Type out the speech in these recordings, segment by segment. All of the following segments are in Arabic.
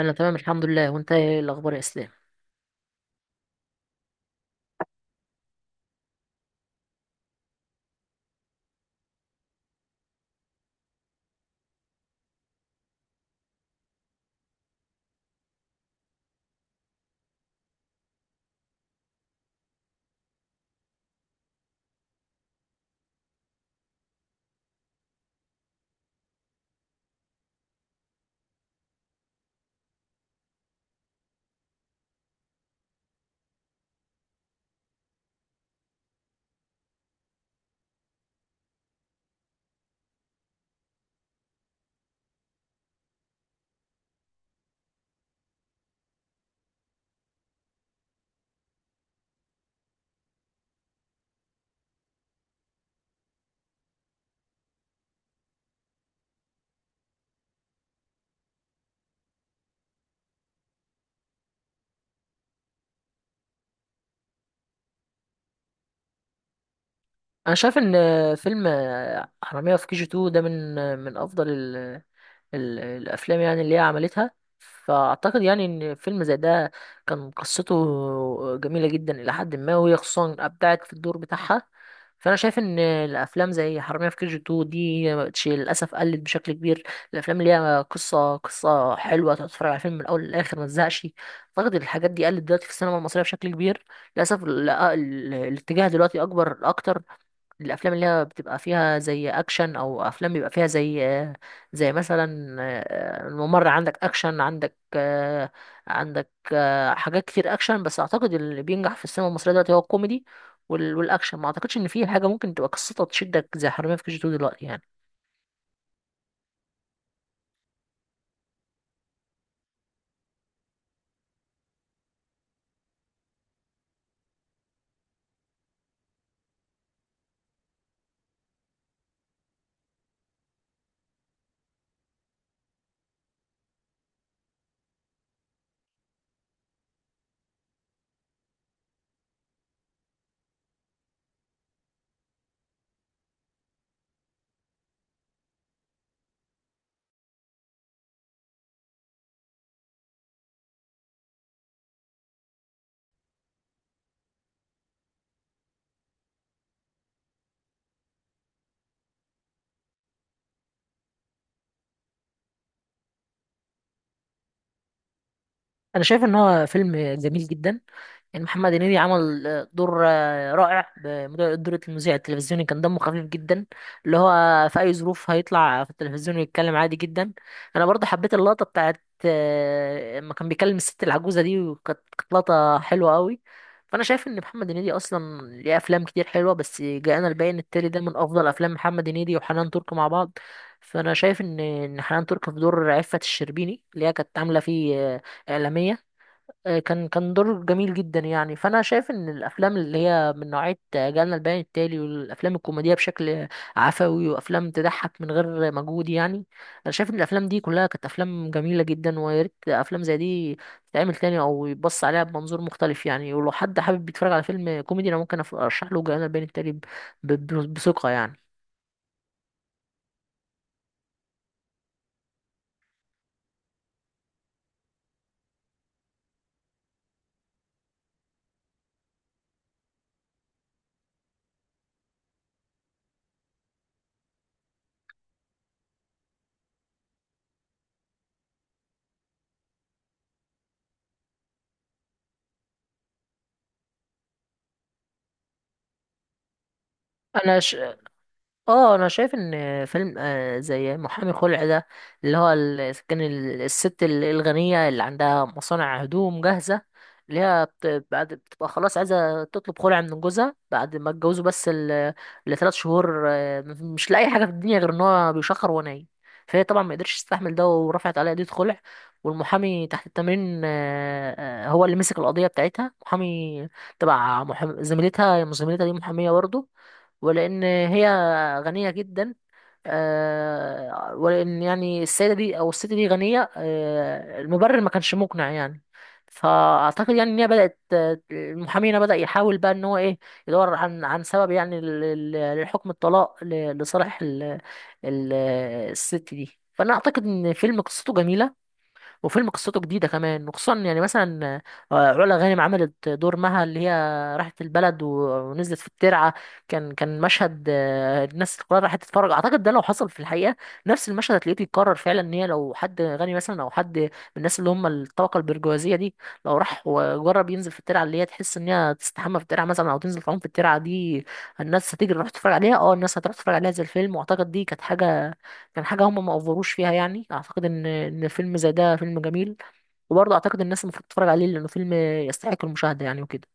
انا تمام الحمد لله، وانت ايه الاخبار يا اسلام؟ انا شايف ان فيلم حرامية في كي جي 2 ده من من افضل الافلام يعني اللي هي عملتها. فاعتقد يعني ان فيلم زي ده كان قصته جميله جدا الى حد ما، وهي خصوصا ابدعت في الدور بتاعها. فانا شايف ان الافلام زي حراميه في كي جي 2 دي مبقتش للاسف قلت بشكل كبير. الافلام اللي هي قصه حلوه تتفرج على فيلم من الاول للاخر ما تزهقش. اعتقد الحاجات دي قلت دلوقتي في السينما المصريه بشكل كبير. للاسف الاتجاه دلوقتي اكبر اكتر. الافلام اللي هي بتبقى فيها زي اكشن، او افلام بيبقى فيها زي مثلا الممر، عندك اكشن، عندك حاجات كتير اكشن. بس اعتقد اللي بينجح في السينما المصريه دلوقتي هو الكوميدي، والاكشن ما اعتقدش ان في حاجه ممكن تبقى قصتها تشدك زي حرامية في كي جي 2 دلوقتي يعني. انا شايف ان هو فيلم جميل جدا، يعني محمد هنيدي عمل دور رائع بموضوع دور المذيع التلفزيوني، كان دمه خفيف جدا. اللي هو في اي ظروف هيطلع في التلفزيون ويتكلم عادي جدا. انا برضه حبيت اللقطه بتاعت لما كان بيكلم الست العجوزه دي، وكانت كانت لقطه حلوه قوي. فانا شايف ان محمد هنيدي اصلا ليه افلام كتير حلوه، بس جاءنا البيان التالي ده من افضل افلام محمد هنيدي وحنان ترك مع بعض. فانا شايف ان حنان ترك في دور عفة الشربيني اللي هي كانت عامله فيه اعلاميه، كان دور جميل جدا يعني. فانا شايف ان الافلام اللي هي من نوعيه جالنا البيان التالي والافلام الكوميديه بشكل عفوي، وافلام تضحك من غير مجهود يعني. انا شايف ان الافلام دي كلها كانت افلام جميله جدا، ويا ريت افلام زي دي تتعمل تاني او يبص عليها بمنظور مختلف يعني. ولو حد حابب يتفرج على فيلم كوميدي انا ممكن ارشح له جالنا البيان التالي بثقه يعني. انا ش... اه انا شايف ان فيلم زي محامي خلع ده، اللي هو ال- كان ال- الست الغنية اللي عندها مصانع هدوم جاهزة، اللي هي بعد بتبقى خلاص عايزة تطلب خلع من جوزها بعد ما اتجوزوا، بس لثلاث شهور، مش لاقي حاجة في الدنيا غير ان هو بيشخر ونايم. فهي طبعا ما قدرتش تستحمل ده، ورفعت عليها قضية خلع. والمحامي تحت التمرين، هو اللي مسك القضية بتاعتها، محامي تبع زميلتها. زميلتها دي محامية برضه. ولان هي غنية جدا، ولأن يعني السيدة دي أو الست دي غنية، المبرر ما كانش مقنع يعني. فأعتقد يعني إن هي بدأت آه، المحامي هنا بدأ يحاول بقى إن هو إيه، يدور عن سبب يعني لحكم الطلاق لصالح ال- الست دي. فأنا أعتقد إن فيلم قصته جميلة، وفيلم قصته جديدة كمان. وخصوصا يعني مثلا علا غانم عملت دور مها، اللي هي راحت البلد ونزلت في الترعة. كان مشهد الناس كلها راحت تتفرج، أعتقد ده لو حصل في الحقيقة نفس المشهد هتلاقيه بيتكرر فعلا. إن هي لو حد غني مثلا أو حد من الناس اللي هم الطبقة البرجوازية دي، لو راح وجرب ينزل في الترعة، اللي هي تحس إن هي تستحمى في الترعة مثلا أو تنزل تعوم في الترعة دي، الناس هتجري تروح تتفرج عليها. اه الناس هتروح تتفرج عليها زي الفيلم، واعتقد دي كانت حاجة كان حاجة هم ما أفوروش فيها يعني. أعتقد إن فيلم زي ده فيلم جميل، وبرضه أعتقد الناس المفروض تتفرج عليه لأنه فيلم يستحق المشاهدة يعني وكده.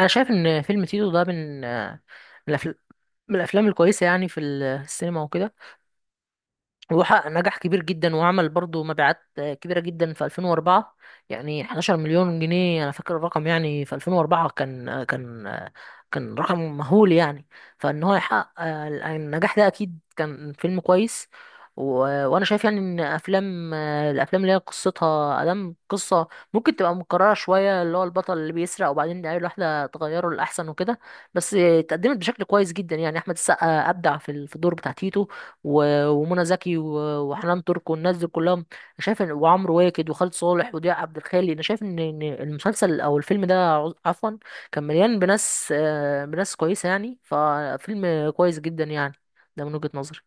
أنا شايف إن فيلم تيتو ده من من الأفل- من الأفلام الكويسة يعني في السينما وكده. وحقق نجاح كبير جدا، وعمل برضه مبيعات كبيرة جدا في 2004، يعني 11 مليون جنيه أنا فاكر الرقم يعني. في 2004 كان كان رقم مهول يعني. فإن هو يحقق النجاح ده أكيد كان فيلم كويس. وأنا شايف يعني إن أفلام آه، الأفلام اللي هي قصتها أدام قصة، ممكن تبقى مكررة شوية، اللي هو البطل اللي بيسرق وبعدين عيله واحدة تغيره لأحسن وكده، بس اتقدمت بشكل كويس جدا يعني. أحمد السقا أبدع في في الدور بتاع تيتو، ومنى زكي، وحنان ترك، والناس دي كلها. أنا شايف ان وعمرو واكد وخالد صالح وضياء عبد الخالي، انا شايف إن المسلسل او الفيلم ده، عفوا، كان مليان بناس بناس كويسه يعني، ففيلم كويس جدا يعني، ده من وجهة نظري.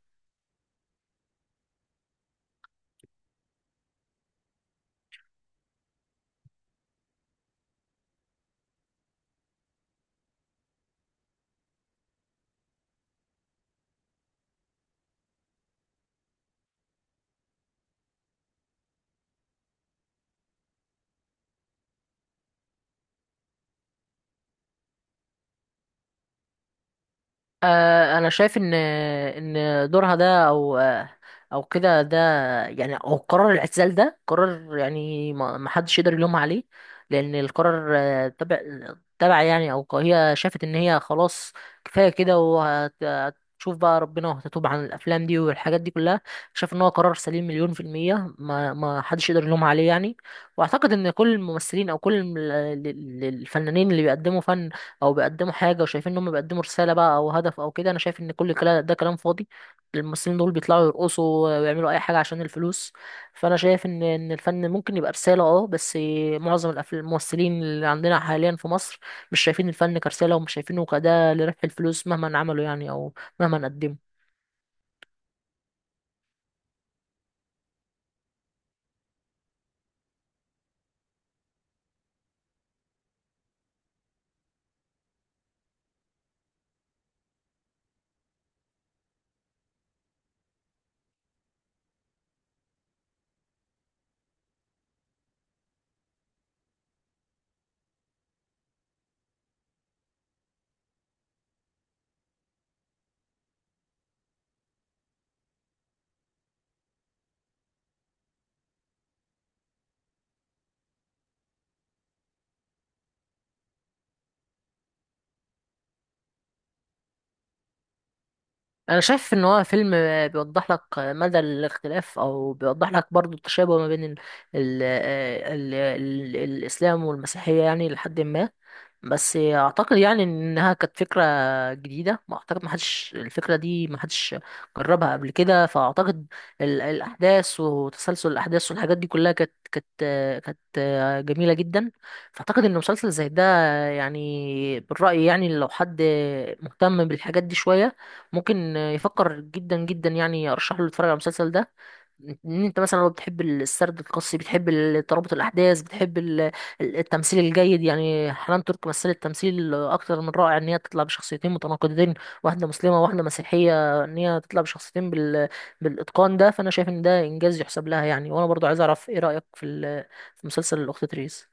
انا شايف ان دورها ده، او كده ده او قرار الاعتزال ده قرار يعني، ما حدش يقدر يلومها عليه. لان القرار تبع يعني، او هي شافت ان هي خلاص كفايه كده، وهتشوف بقى ربنا، وهتتوب عن الافلام دي والحاجات دي كلها. شاف ان هو قرار سليم مليون في الميه، ما حدش يقدر يلومها عليه يعني. واعتقد ان كل الممثلين او كل الفنانين اللي بيقدموا فن او بيقدموا حاجه، وشايفين ان هم بيقدموا رساله بقى او هدف او كده، انا شايف ان كل كلا ده كلام فاضي. الممثلين دول بيطلعوا يرقصوا ويعملوا اي حاجه عشان الفلوس. فانا شايف ان الفن ممكن يبقى رساله، بس معظم الممثلين اللي عندنا حاليا في مصر مش شايفين الفن كرساله، ومش شايفينه كده لربح الفلوس مهما عملوا يعني او مهما قدموا. انا شايف ان هو فيلم بيوضح لك مدى الاختلاف، او بيوضح لك برضو التشابه ما بين ال ال آه، ال ال الاسلام والمسيحيه يعني لحد ما. بس اعتقد يعني انها كانت فكره جديده، ما اعتقد، ما حدش جربها قبل كده. فاعتقد الاحداث وتسلسل الاحداث والحاجات دي كلها كانت جميله جدا. فاعتقد ان مسلسل زي ده يعني بالراي، يعني لو حد مهتم بالحاجات دي شويه ممكن يفكر جدا جدا يعني، ارشحه له يتفرج على المسلسل ده. ان انت مثلا لو بتحب السرد القصي، بتحب ترابط الاحداث، بتحب التمثيل الجيد، يعني حنان ترك مثلت تمثيل اكتر من رائع ان هي تطلع بشخصيتين متناقضتين، واحده مسلمه وواحده مسيحيه. ان هي تطلع بشخصيتين بالاتقان ده، فانا شايف ان ده انجاز يحسب لها يعني. وانا برضو عايز اعرف ايه رايك في في مسلسل الاخت تريس؟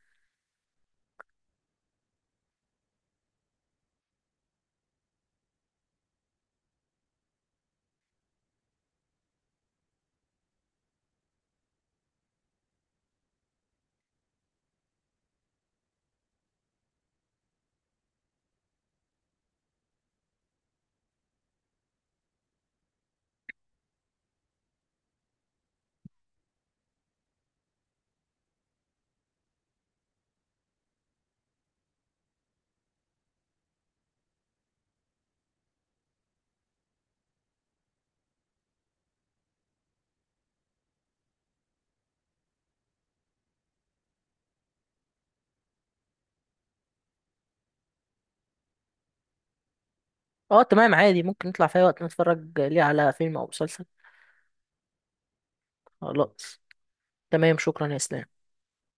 اه، تمام، عادي، ممكن نطلع في اي وقت نتفرج ليه على فيلم او مسلسل. خلاص، تمام، شكرا يا اسلام.